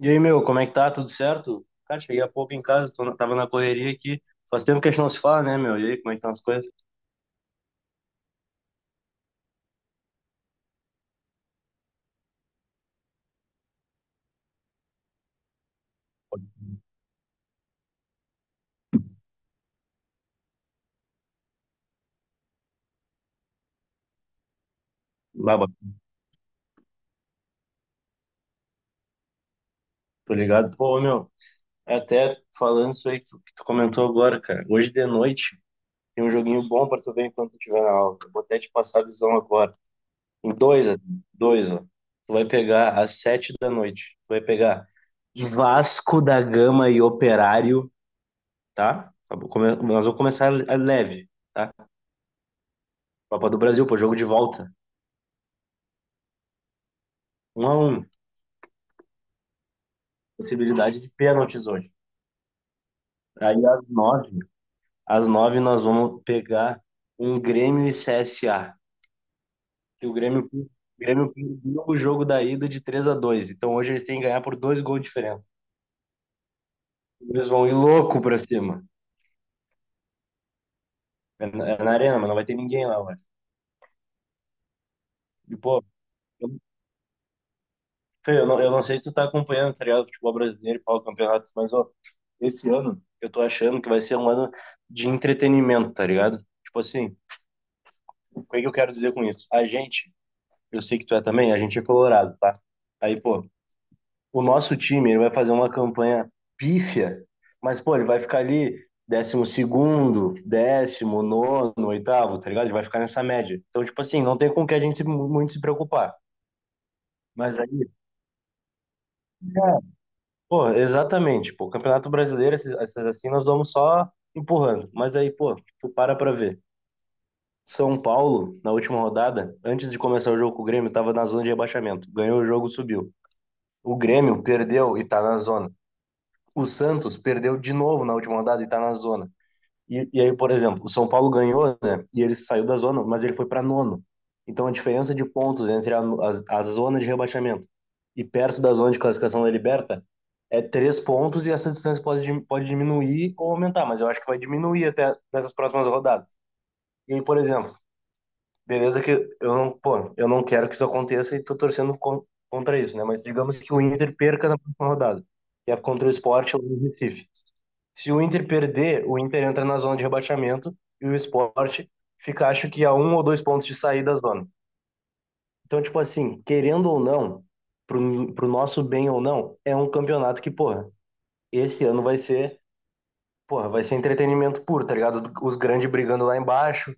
E aí, meu, como é que tá? Tudo certo? Cara, cheguei há pouco em casa, tava na correria aqui. Faz tempo que a gente não se fala, né, meu? E aí, como é que estão as coisas? Baba, tô ligado. Pô, meu, é até falando isso aí que tu comentou agora, cara. Hoje de noite tem um joguinho bom pra tu ver enquanto tu estiver na aula. Eu vou até te passar a visão agora. Em dois, ó, dois, ó. Tu vai pegar às sete da noite. Tu vai pegar Vasco da Gama e Operário, tá? Tá bom, nós vamos começar a leve, tá? Copa do Brasil, pô, jogo de volta. Um a um. Possibilidade de pênaltis hoje. Aí às nove nós vamos pegar um Grêmio e CSA, que o Grêmio perdeu o jogo da ida de 3 a 2. Então hoje eles têm que ganhar por dois gols de diferença. Eles vão ir louco pra cima, é na arena, mas não vai ter ninguém lá, mano. E pô, eu, Fê, eu não sei se tu tá acompanhando, tá ligado, o futebol brasileiro e pau, campeonatos, mas ó, esse ano eu tô achando que vai ser um ano de entretenimento, tá ligado? Tipo assim, o que é que eu quero dizer com isso? A gente Eu sei que tu é também, a gente é colorado, tá? Aí, pô, o nosso time, ele vai fazer uma campanha pífia, mas, pô, ele vai ficar ali décimo segundo, décimo, nono, oitavo, tá ligado? Ele vai ficar nessa média. Então, tipo assim, não tem com o que a gente se- muito se preocupar. Mas aí, pô, exatamente, pô, Campeonato Brasileiro, essas assim, nós vamos só empurrando. Mas aí, pô, tu para pra ver. São Paulo, na última rodada, antes de começar o jogo com o Grêmio, tava na zona de rebaixamento. Ganhou o jogo, subiu. O Grêmio perdeu e tá na zona. O Santos perdeu de novo na última rodada e tá na zona. E aí, por exemplo, o São Paulo ganhou, né? E ele saiu da zona, mas ele foi para nono. Então a diferença de pontos entre a zona de rebaixamento e perto da zona de classificação da Liberta é três pontos e essa distância pode diminuir ou aumentar, mas eu acho que vai diminuir até nessas próximas rodadas. E aí, por exemplo, beleza que eu não, pô, eu não quero que isso aconteça e tô torcendo contra isso, né? Mas digamos que o Inter perca na próxima rodada, que é contra o Sport ou o Recife. Se o Inter perder, o Inter entra na zona de rebaixamento e o Sport fica, acho que, a um ou dois pontos de sair da zona. Então, tipo assim, querendo ou não, pro nosso bem ou não, é um campeonato que, porra, esse ano vai ser, porra, vai ser entretenimento puro, tá ligado? Os grandes brigando lá embaixo,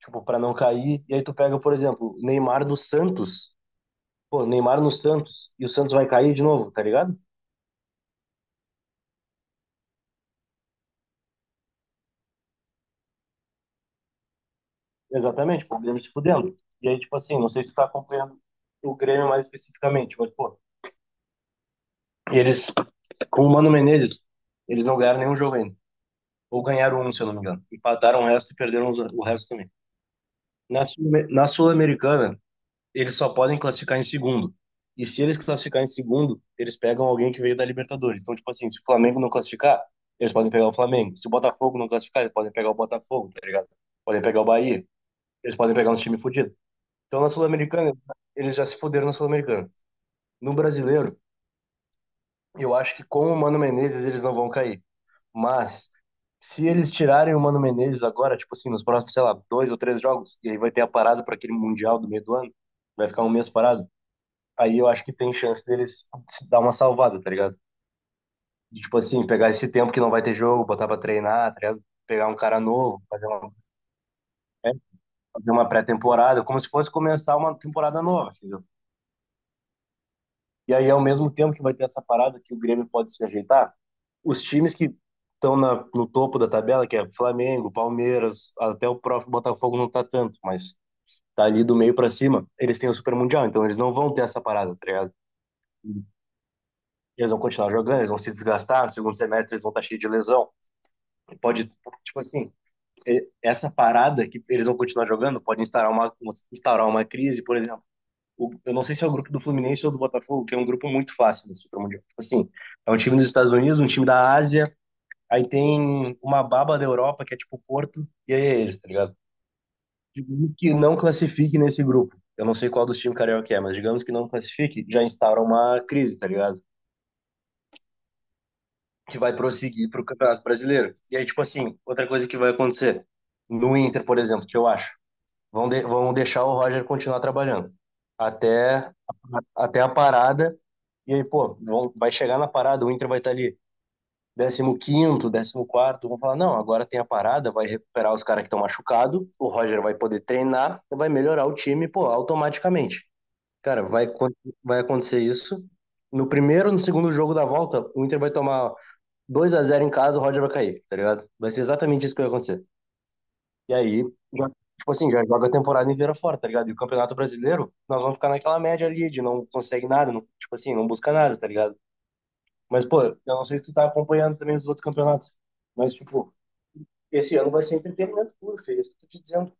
tipo, pra não cair. E aí tu pega, por exemplo, Neymar do Santos, pô, Neymar no Santos, e o Santos vai cair de novo, tá ligado? Exatamente, pô, o Grêmio se fudendo. E aí, tipo assim, não sei se tu tá acompanhando o Grêmio mais especificamente, mas, pô, E eles, com o Mano Menezes, eles não ganharam nenhum jogo ainda. Ou ganharam um, se eu não me engano. Empataram o resto e perderam o resto também. Na Sul-Americana, eles só podem classificar em segundo. E se eles classificar em segundo, eles pegam alguém que veio da Libertadores. Então, tipo assim, se o Flamengo não classificar, eles podem pegar o Flamengo. Se o Botafogo não classificar, eles podem pegar o Botafogo, tá ligado? Podem pegar o Bahia. Eles podem pegar uns times fodidos. Então, na Sul-Americana, eles já se fuderam na Sul-Americana. No brasileiro, eu acho que com o Mano Menezes, eles não vão cair. Mas se eles tirarem o Mano Menezes agora, tipo assim, nos próximos, sei lá, dois ou três jogos, e aí vai ter a parada para aquele Mundial do meio do ano, vai ficar um mês parado, aí eu acho que tem chance deles se dar uma salvada, tá ligado? De, tipo assim, pegar esse tempo que não vai ter jogo, botar pra treinar, tá ligado? Pegar um cara novo, é, fazer uma pré-temporada, como se fosse começar uma temporada nova, entendeu? E aí, ao mesmo tempo que vai ter essa parada que o Grêmio pode se ajeitar, os times que no topo da tabela, que é Flamengo, Palmeiras, até o próprio Botafogo não tá tanto, mas tá ali do meio pra cima, eles têm o Super Mundial, então eles não vão ter essa parada, tá ligado? Eles vão continuar jogando, eles vão se desgastar, no segundo semestre eles vão estar cheios de lesão. Pode, tipo assim, essa parada que eles vão continuar jogando pode instaurar uma crise, por exemplo. Eu não sei se é o grupo do Fluminense ou do Botafogo, que é um grupo muito fácil do Supermundial. Tipo assim, é um time dos Estados Unidos, um time da Ásia, aí tem uma baba da Europa, que é tipo Porto, e aí é eles, tá ligado? Digamos que não classifique nesse grupo. Eu não sei qual dos times carioca é, mas digamos que não classifique, já instaura uma crise, tá ligado? Que vai prosseguir pro Campeonato Brasileiro. E aí, tipo assim, outra coisa que vai acontecer. No Inter, por exemplo, que eu acho, vão deixar o Roger continuar trabalhando até até a parada. E aí, pô, vão, vai chegar na parada, o Inter vai estar ali décimo quinto décimo quarto vão falar, não, agora tem a parada, vai recuperar os caras que estão machucados, o Roger vai poder treinar, vai melhorar o time, pô, automaticamente. Cara, vai acontecer isso. No segundo jogo da volta, o Inter vai tomar 2 a zero em casa, o Roger vai cair, tá ligado? Vai ser exatamente isso que vai acontecer. E aí, já- tipo assim, já joga a temporada inteira fora, tá ligado? E o Campeonato Brasileiro, nós vamos ficar naquela média ali de não consegue nada, não, tipo assim, não busca nada, tá ligado? Mas, pô, eu não sei se tu tá acompanhando também os outros campeonatos, mas, tipo, esse ano vai ser entretenimento puro, filho, é isso que eu tô te dizendo.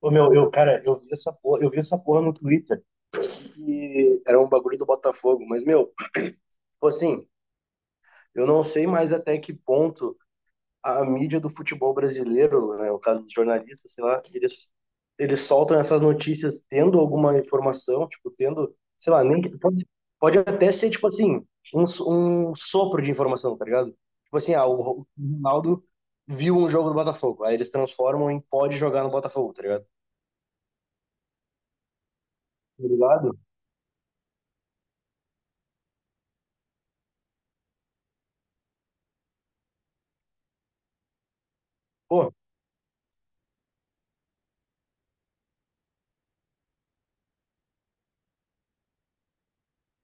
Ô, meu, eu, cara, eu vi essa porra no Twitter, que era um bagulho do Botafogo, mas, meu, tipo assim, eu não sei mais até que ponto a mídia do futebol brasileiro, né, o caso dos jornalistas, sei lá, eles soltam essas notícias tendo alguma informação, tipo, tendo, sei lá, nem pode, pode até ser tipo assim, um, um sopro de informação, tá ligado? Tipo assim, ah, o Ronaldo viu um jogo do Botafogo, aí eles transformam em pode jogar no Botafogo, tá ligado? Tá ligado? Pô,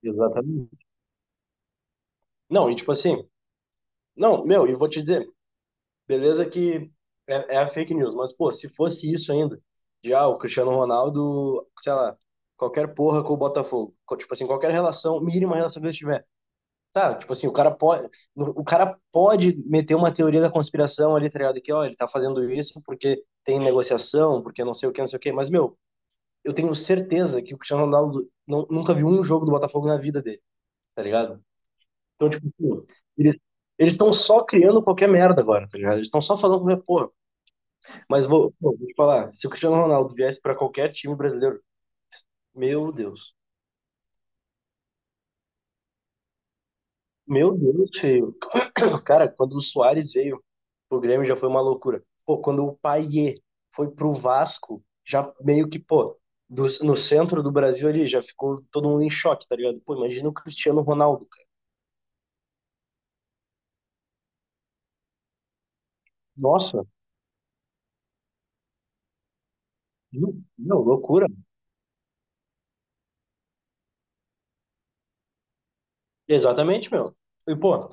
exatamente. Não, e tipo assim, não, meu, e vou te dizer, beleza que é a fake news, mas, pô, se fosse isso ainda, já o Cristiano Ronaldo, sei lá, qualquer porra com o Botafogo, tipo assim, qualquer relação, mínima relação que ele tiver, tá, tipo assim, o cara pode meter uma teoria da conspiração ali, tá ligado, que, ó, ele tá fazendo isso porque tem negociação, porque não sei o que, não sei o que, mas, meu, eu tenho certeza que o Cristiano Ronaldo não, nunca viu um jogo do Botafogo na vida dele, tá ligado? Então, tipo, pô, ele eles estão só criando qualquer merda agora, tá ligado? Eles estão só falando qualquer porra. Pô, vou te falar, se o Cristiano Ronaldo viesse pra qualquer time brasileiro, meu Deus. Meu Deus, feio. Cara, quando o Suárez veio pro Grêmio já foi uma loucura. Pô, quando o Payet foi pro Vasco, já meio que, pô, no centro do Brasil ali, já ficou todo mundo em choque, tá ligado? Pô, imagina o Cristiano Ronaldo, cara. Nossa, meu, loucura. Exatamente, meu. E, pô,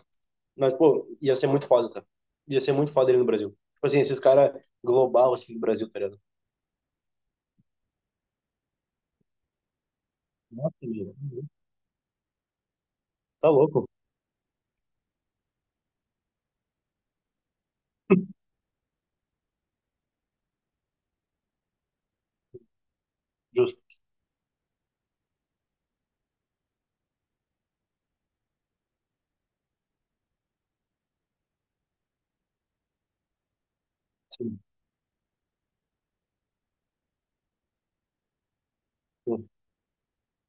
mas, pô, ia ser muito foda, tá? Ia ser muito foda ele no Brasil. Tipo assim, esses caras global, assim, do Brasil, tá ligado? Nossa, amiga, tá louco. Justo. Sim.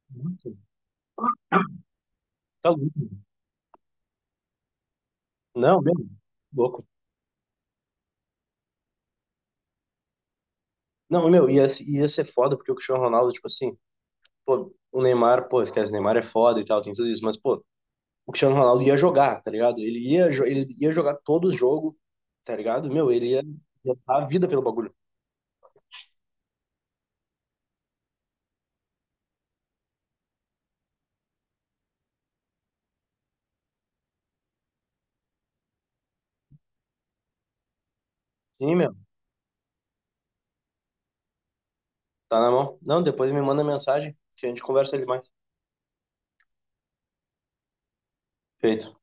Nossa, tá louco. Não, mesmo. Louco. Não, meu, ia ser foda porque o Cristiano Ronaldo, tipo assim, pô, o Neymar, pô, esquece, o Neymar é foda e tal, tem tudo isso, mas, pô, o Cristiano Ronaldo ia jogar, tá ligado? Ele ia jogar todo o jogo, tá ligado? Meu, ia dar a vida pelo bagulho. Sim, meu, tá na mão. Não, depois me manda mensagem que a gente conversa ele mais. Feito.